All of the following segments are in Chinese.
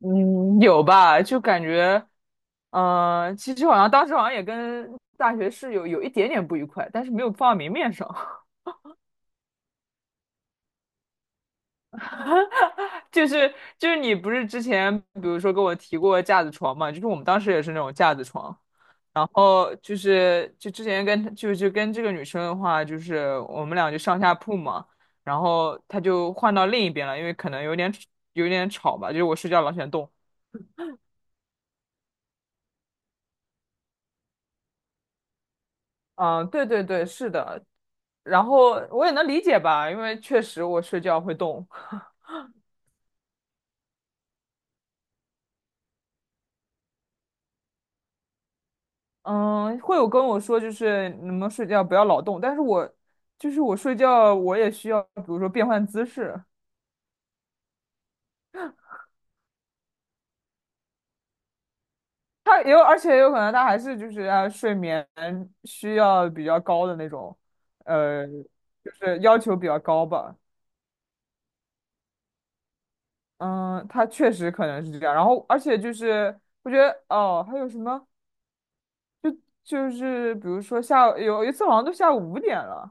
嗯，有吧？就感觉，其实好像当时好像也跟大学室友有一点点不愉快，但是没有放到明面上。就是就是你不是之前比如说跟我提过架子床嘛？就是我们当时也是那种架子床，然后就是就之前跟就就跟这个女生的话，就是我们俩就上下铺嘛，然后她就换到另一边了，因为可能有点吵吧，就是我睡觉老喜欢动。嗯，对对对，是的，然后我也能理解吧，因为确实我睡觉会动。嗯，会有跟我说就是你们睡觉不要老动，但是我就是我睡觉我也需要，比如说变换姿势。他也有，而且也有可能他还是就是睡眠需要比较高的那种，就是要求比较高吧。嗯，他确实可能是这样，然后而且就是我觉得还有什么就是比如说下午有一次好像都下午五点了。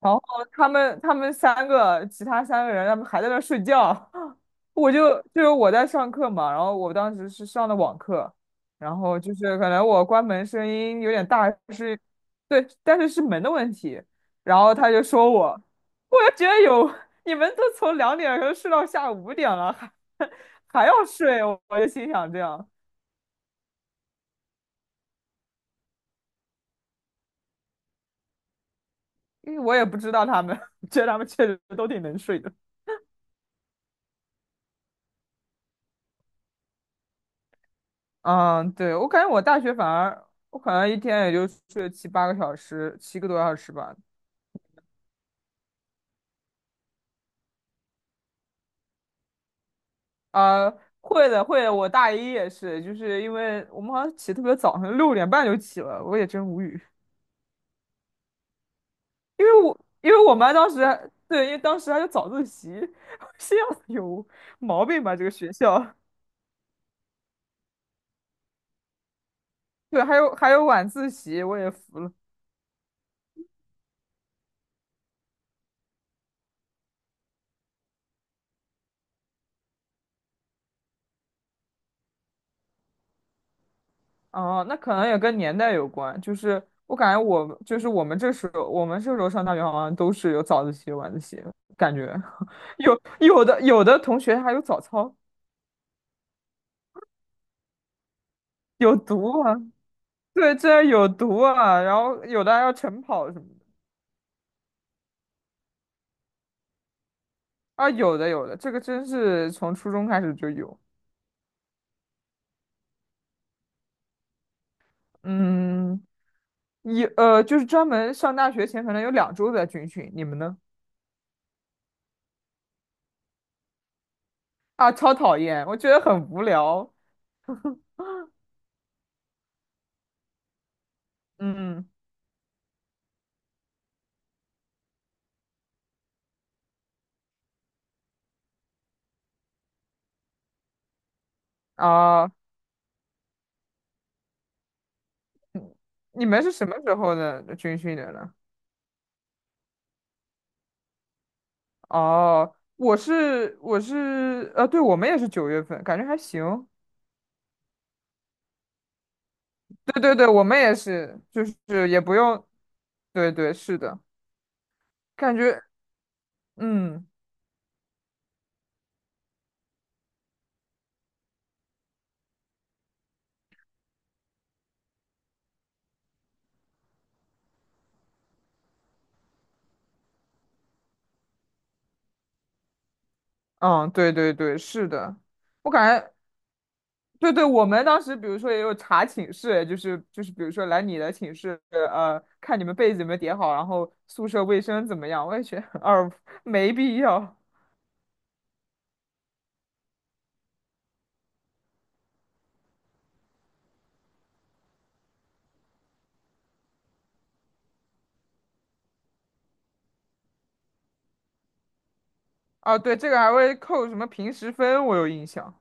然后他们三个，其他三个人，他们还在那儿睡觉，我就就是我在上课嘛，然后我当时是上的网课，然后就是可能我关门声音有点大，是，对，但是是门的问题，然后他就说我，我就觉得有你们都从2点钟睡到下午五点了，还 还要睡，我就心想这样，因为我也不知道他们，觉得他们确实都挺能睡的。嗯，对，我感觉我大学反而我可能一天也就睡七八个小时，7个多小时吧。啊、会的，会的，我大一也是，就是因为我们好像起得特别早，好像6点半就起了，我也真无语。因为我们班当时还对，因为当时还有早自习，我心想有毛病吧这个学校。对，还有晚自习，我也服了。哦，那可能也跟年代有关，就是我感觉我就是我们这时候，我们这时候上大学好像都是有早自习、晚自习，感觉 有的同学还有早操，有毒啊。对，这有毒啊，然后有的还要晨跑什么的。啊，有的有的，这个真是从初中开始就有。嗯，有就是专门上大学前可能有2周在军训，你们呢？啊，超讨厌，我觉得很无聊。嗯啊。你们是什么时候的军训的呢？哦，我是我是呃，对，我们也是9月份，感觉还行。对对对，我们也是，就是也不用，对对，是的，感觉嗯嗯，对对对，是的，我感觉对对，我们当时比如说也有查寝室，就是比如说来你的寝室，看你们被子有没有叠好，然后宿舍卫生怎么样，我也觉得 哦，没必要。啊，对，这个还会扣什么平时分，我有印象。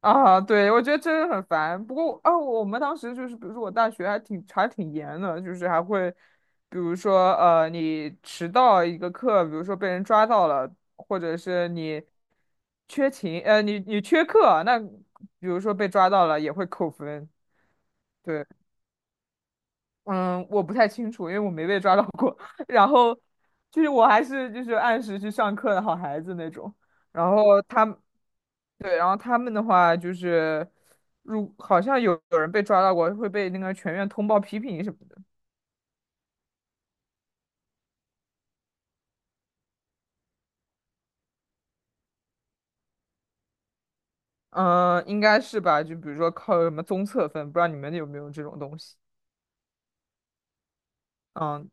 啊，对，我觉得真的很烦。不过啊，我们当时就是，比如说我大学还挺严的，就是还会，比如说你迟到一个课，比如说被人抓到了，或者是你缺勤，你缺课，那比如说被抓到了也会扣分。对，嗯，我不太清楚，因为我没被抓到过。然后就是我还是就是按时去上课的好孩子那种。然后他对，然后他们的话就是，如好像有人被抓到过，会被那个全院通报批评什么的。嗯，应该是吧？就比如说靠什么综测分，不知道你们有没有这种东西？嗯，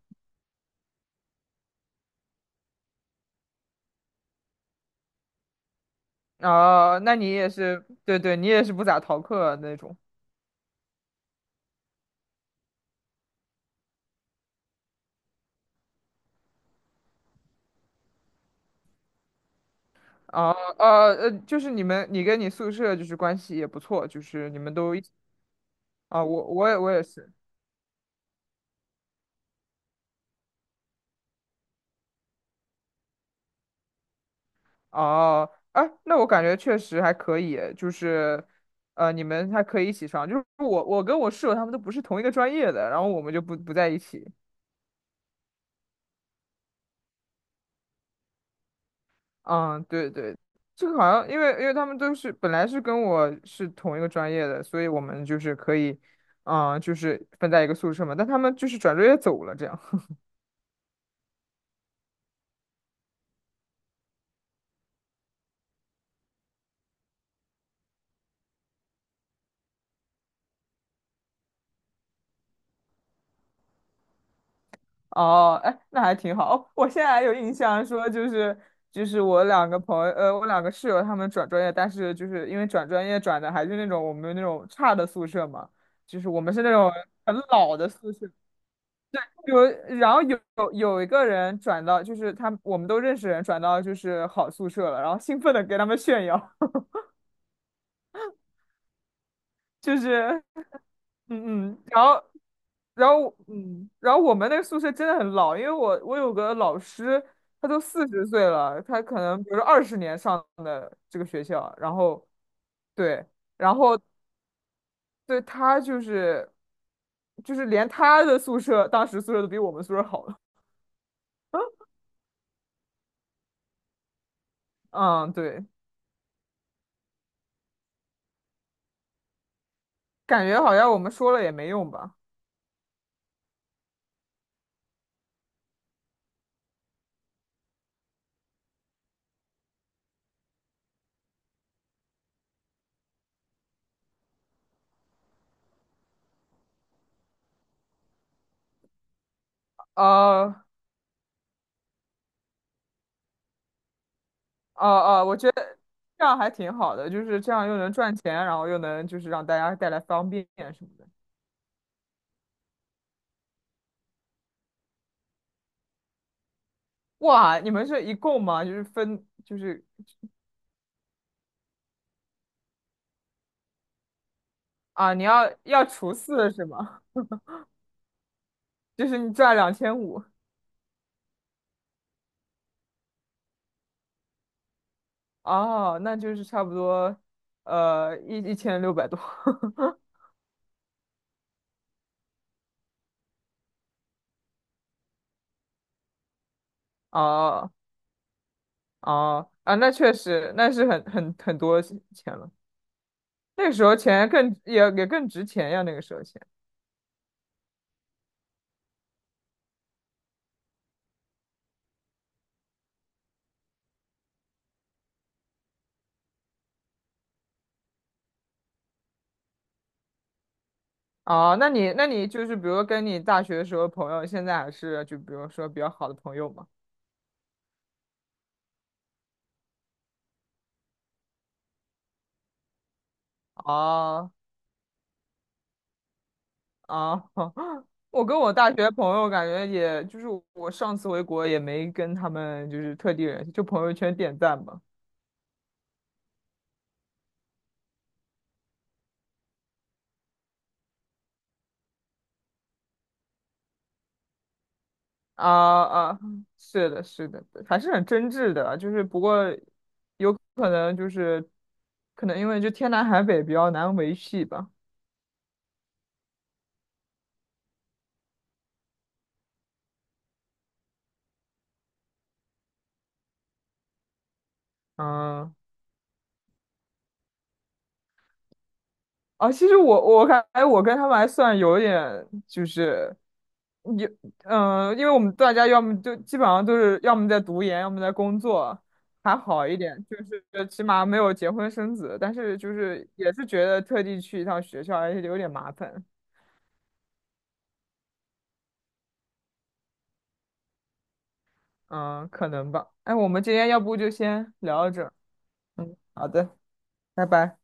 啊，那你也是，对对，你也是不咋逃课啊那种。啊就是你们，你跟你宿舍就是关系也不错，就是你们都一起啊，我也是。哦，哎，那我感觉确实还可以，就是，呃，你们还可以一起上，就是我跟我室友他们都不是同一个专业的，然后我们就不在一起。嗯，对对，这个好像因为他们都是本来是跟我是同一个专业的，所以我们就是可以，嗯，就是分在一个宿舍嘛，但他们就是转专业走了这样。哦，哎，那还挺好。哦，我现在还有印象说，就是我两个朋友，我两个室友他们转专业，但是就是因为转专业转的还是那种我们那种差的宿舍嘛，就是我们是那种很老的宿舍。有，然后有一个人转到，就是他，我们都认识人转到就是好宿舍了，然后兴奋的给他们炫耀，就是。嗯嗯，嗯，然后我们那个宿舍真的很老，因为我有个老师，他都40岁了，他可能比如说20年上的这个学校，然后对，然后对他就是连他的宿舍当时宿舍都比我们宿舍好了。嗯，对，感觉好像我们说了也没用吧，呃，呃我觉得这样还挺好的，就是这样又能赚钱，然后又能就是让大家带来方便什么的。哇，你们是一共吗？就是分，就是啊，你要除四是吗？就是你赚2500。哦，那就是差不多，呃，一千六百多，哦哦啊，那确实，那是很很多钱了。那个时候钱也更值钱呀，那个时候钱。哦，那你就是比如跟你大学的时候的朋友，现在还是就比如说比较好的朋友嘛。哦啊，我跟我大学朋友感觉也，就是我上次回国也没跟他们就是特地联系，就朋友圈点赞吧。啊啊，是的，是的，还是很真挚的，就是不过可能就是可能因为就天南海北比较难维系吧。嗯啊，其实我感觉我跟他们还算有点就是有因为我们大家要么就基本上都是要么在读研，要么在工作，还好一点，就是起码没有结婚生子，但是就是也是觉得特地去一趟学校还是有点麻烦。嗯，可能吧。哎，我们今天要不就先聊到这儿。嗯，好的，拜拜。